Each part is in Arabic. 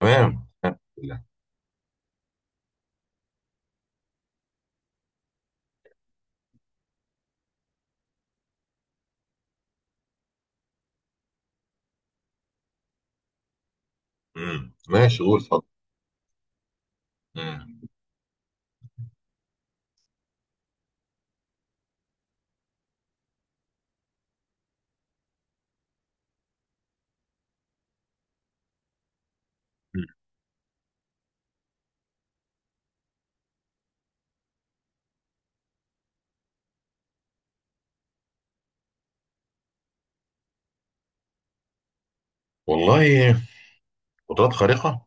تمام الحمد لله. ماشي، قول اتفضل. امم والله قدرات خارقه.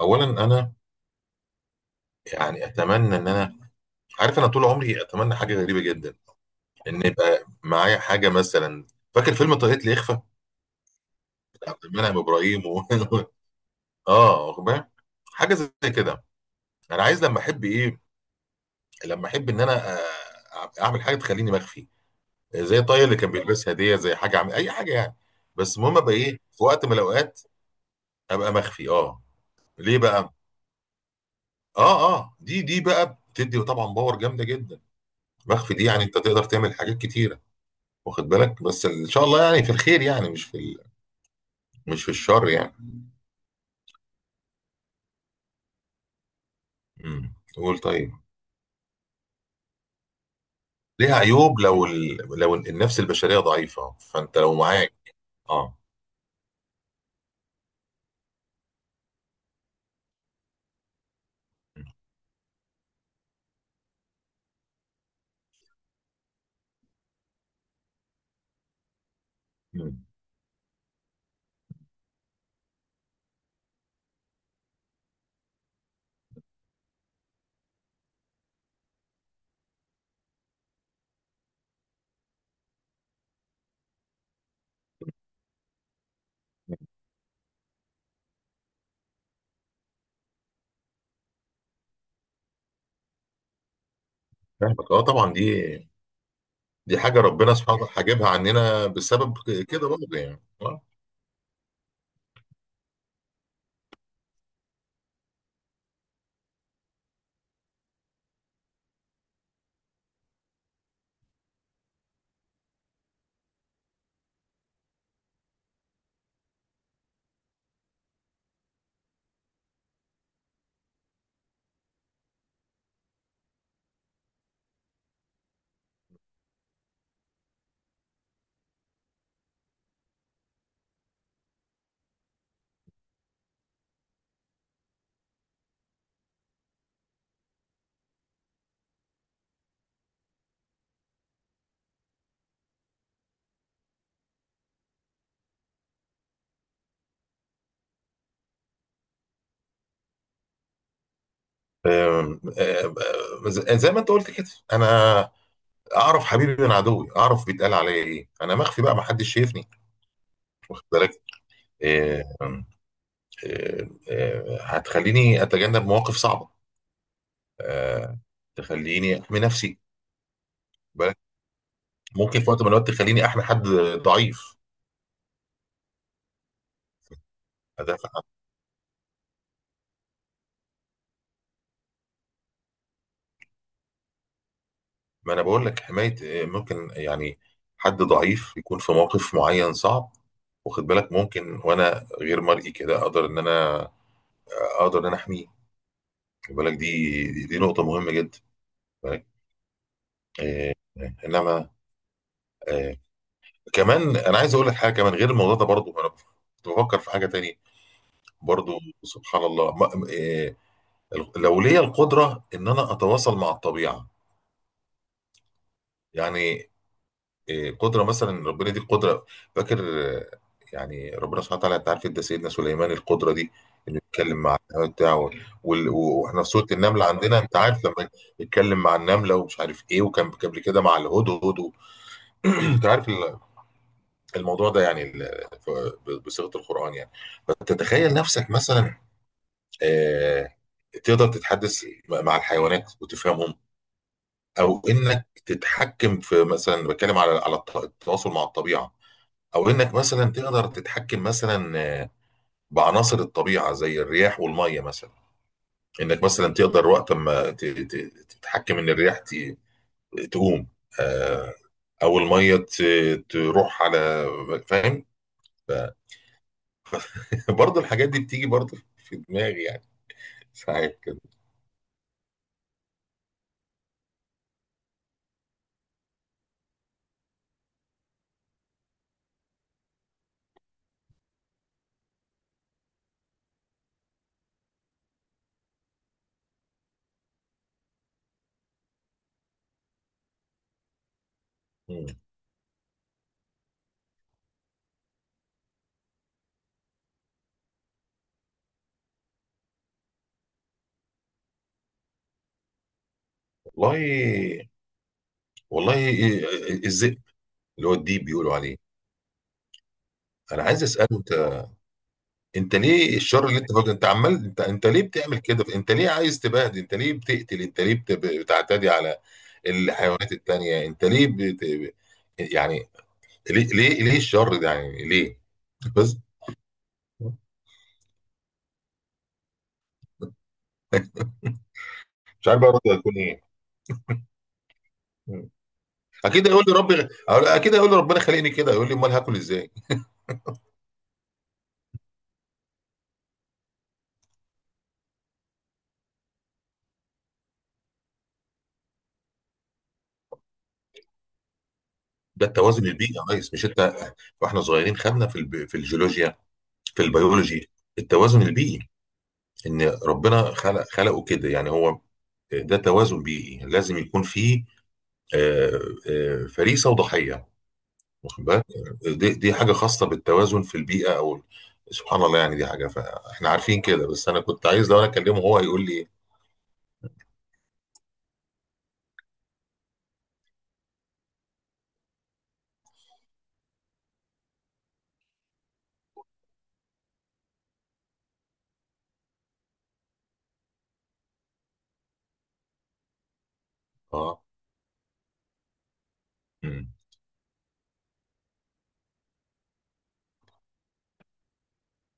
اولا انا يعني اتمنى ان انا عارف، انا طول عمري اتمنى حاجه غريبه جدا، ان يبقى معايا حاجه مثلا. فاكر فيلم طريقه الاخفاء بتاع عبد المنعم ابراهيم و... اه واخد بالك؟ حاجه زي كده. انا عايز لما احب ايه، لما احب ان انا اعمل حاجه تخليني مخفي، زي الطاقيه اللي كان بيلبسها دي، زي حاجه اي حاجه يعني. بس المهم ابقى ايه في وقت من الاوقات، ابقى مخفي. اه، ليه بقى؟ اه اه، دي بقى بتدي طبعا باور جامده جدا. مخفي دي يعني انت تقدر تعمل حاجات كتيره، واخد بالك؟ بس ان شاء الله يعني في الخير، يعني مش في الشر يعني. قول طيب. ليها عيوب، لو النفس البشريه ضعيفه، فانت لو معاك اه. مم. فاهمك، اه طبعا، دي حاجه ربنا سبحانه وتعالى حاجبها عننا بسبب كده برضه يعني آه. آم، آم، آم، زي زي ما انت قلت كده، انا اعرف حبيبي من عدوي، اعرف بيتقال عليا ايه، انا مخفي بقى، ما حدش شايفني، واخد بالك؟ آه، هتخليني اتجنب مواقف صعبه. آه، تخليني احمي نفسي، واخد بالك؟ ممكن في وقت من الاوقات تخليني احمي حد ضعيف، ادافع عنه. ما انا بقول لك حمايه. ممكن يعني حد ضعيف يكون في موقف معين صعب، واخد بالك؟ ممكن وانا غير مرئي كده اقدر ان انا اقدر ان انا احميه، واخد بالك؟ دي نقطه مهمه جدا، واخد بالك؟ آه، انما آه، كمان انا عايز اقول لك حاجه كمان غير الموضوع ده، برضه انا كنت بفكر في حاجه تانية. برضو سبحان الله، ما إيه، لو ليا القدرة إن أنا أتواصل مع الطبيعة. يعني إيه قدرة مثلا، ربنا دي قدرة، فاكر؟ آه، يعني ربنا سبحانه وتعالى، أنت عارف أنت سيدنا سليمان القدرة دي، إنه يتكلم مع النمل بتاعه. وإحنا في سورة النملة عندنا، أنت عارف، لما يتكلم مع النملة ومش عارف إيه، وكان قبل كده مع الهدهد أنت عارف الموضوع ده، بصيغة القرآن يعني. فتتخيل نفسك مثلا آه، تقدر تتحدث مع الحيوانات وتفهمهم، او انك تتحكم في، مثلا بتكلم على التواصل مع الطبيعه، او انك مثلا تقدر تتحكم مثلا بعناصر الطبيعه زي الرياح والميه مثلا. انك مثلا تقدر وقت ما تتحكم ان الرياح تقوم آه، او الميه تروح على، فاهم؟ برضه الحاجات دي بتيجي برضه في دماغي، يعني ساعات كده. مم. والله والله اللي هو الديب بيقولوا عليه، انا عايز اساله، انت ليه الشر اللي انت فاكره، انت عمال، انت ليه بتعمل كده؟ انت ليه عايز تبهدل؟ انت ليه بتقتل؟ انت ليه بتعتدي على الحيوانات التانية؟ انت ليه بت... يعني ليه ليه ليه الشر ده يعني ليه؟ بس. مش عارف بقى رده هتكون ايه. مم. اكيد هيقول لي ربي، اكيد هيقول لي ربنا خلقني كده، يقول لي امال هاكل ازاي؟ ده التوازن البيئي يا ريس، مش انت واحنا صغيرين خدنا في في الجيولوجيا، في البيولوجي، التوازن البيئي، ان ربنا خلق خلقه كده يعني. هو ده توازن بيئي لازم يكون فيه آه، فريسه وضحيه، واخد بالك؟ دي, حاجه خاصه بالتوازن في البيئه، او سبحان الله يعني. دي حاجه فاحنا عارفين كده، بس انا كنت عايز لو انا اكلمه هو هيقول لي ايه. اه. امم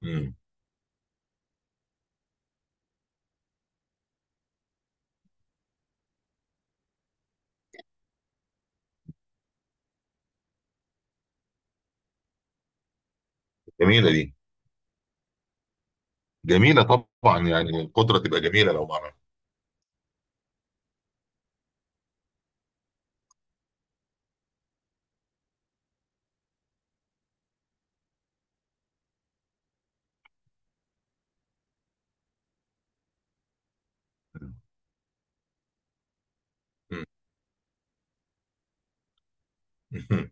امم. جميله دي. جميله طبعا يعني، القدره تبقى جميله لو معنا. مم. مم. مم.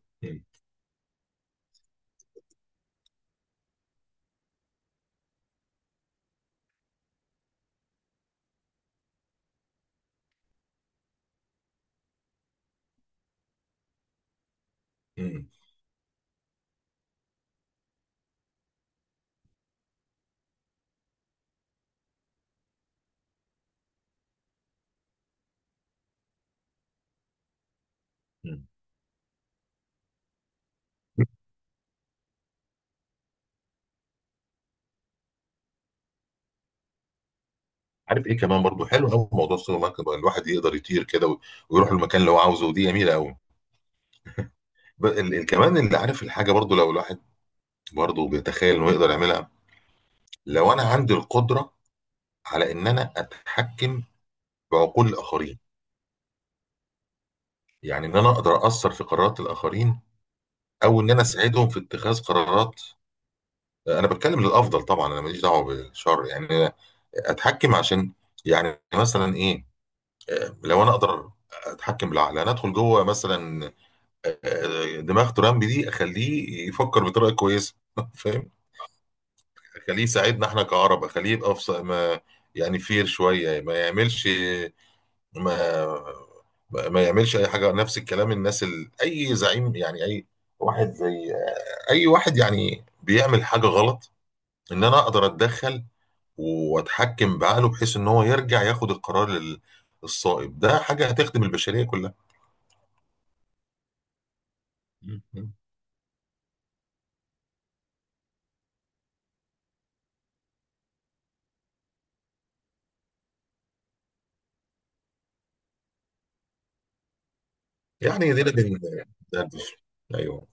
مم. مم. عارف ايه كمان برضو حلو قوي، موضوع السوبر ماركت بقى، الواحد يقدر يطير كده ويروح المكان اللي هو عاوزه، ودي جميله قوي. كمان اللي عارف الحاجه برضو، لو الواحد برضو بيتخيل انه يقدر يعملها. لو انا عندي القدره على ان انا اتحكم بعقول الاخرين، يعني ان انا اقدر اثر في قرارات الاخرين، او ان انا اساعدهم في اتخاذ قرارات. انا بتكلم للافضل طبعا، انا ماليش دعوه بالشر يعني. أنا اتحكم عشان، يعني مثلا ايه، لو انا اقدر اتحكم بالعقل، انا ادخل جوه مثلا دماغ ترامب دي، اخليه يفكر بطريقه كويسه فاهم؟ خليه يساعدنا احنا كعرب، خليه يبقى في ما يعني فير شويه، ما يعملش، ما ما يعملش اي حاجه، نفس الكلام. اي زعيم يعني، اي واحد زي اي واحد يعني بيعمل حاجه غلط، ان انا اقدر اتدخل واتحكم بعقله بحيث ان هو يرجع ياخد القرار الصائب. ده حاجه هتخدم البشريه كلها، يعني. دي لازم- ده- ده- ايوه،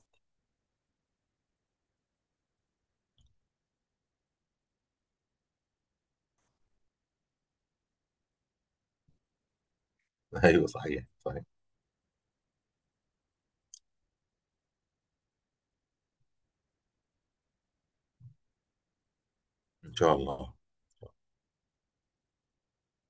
ايوه صحيح صحيح، ان شاء الله.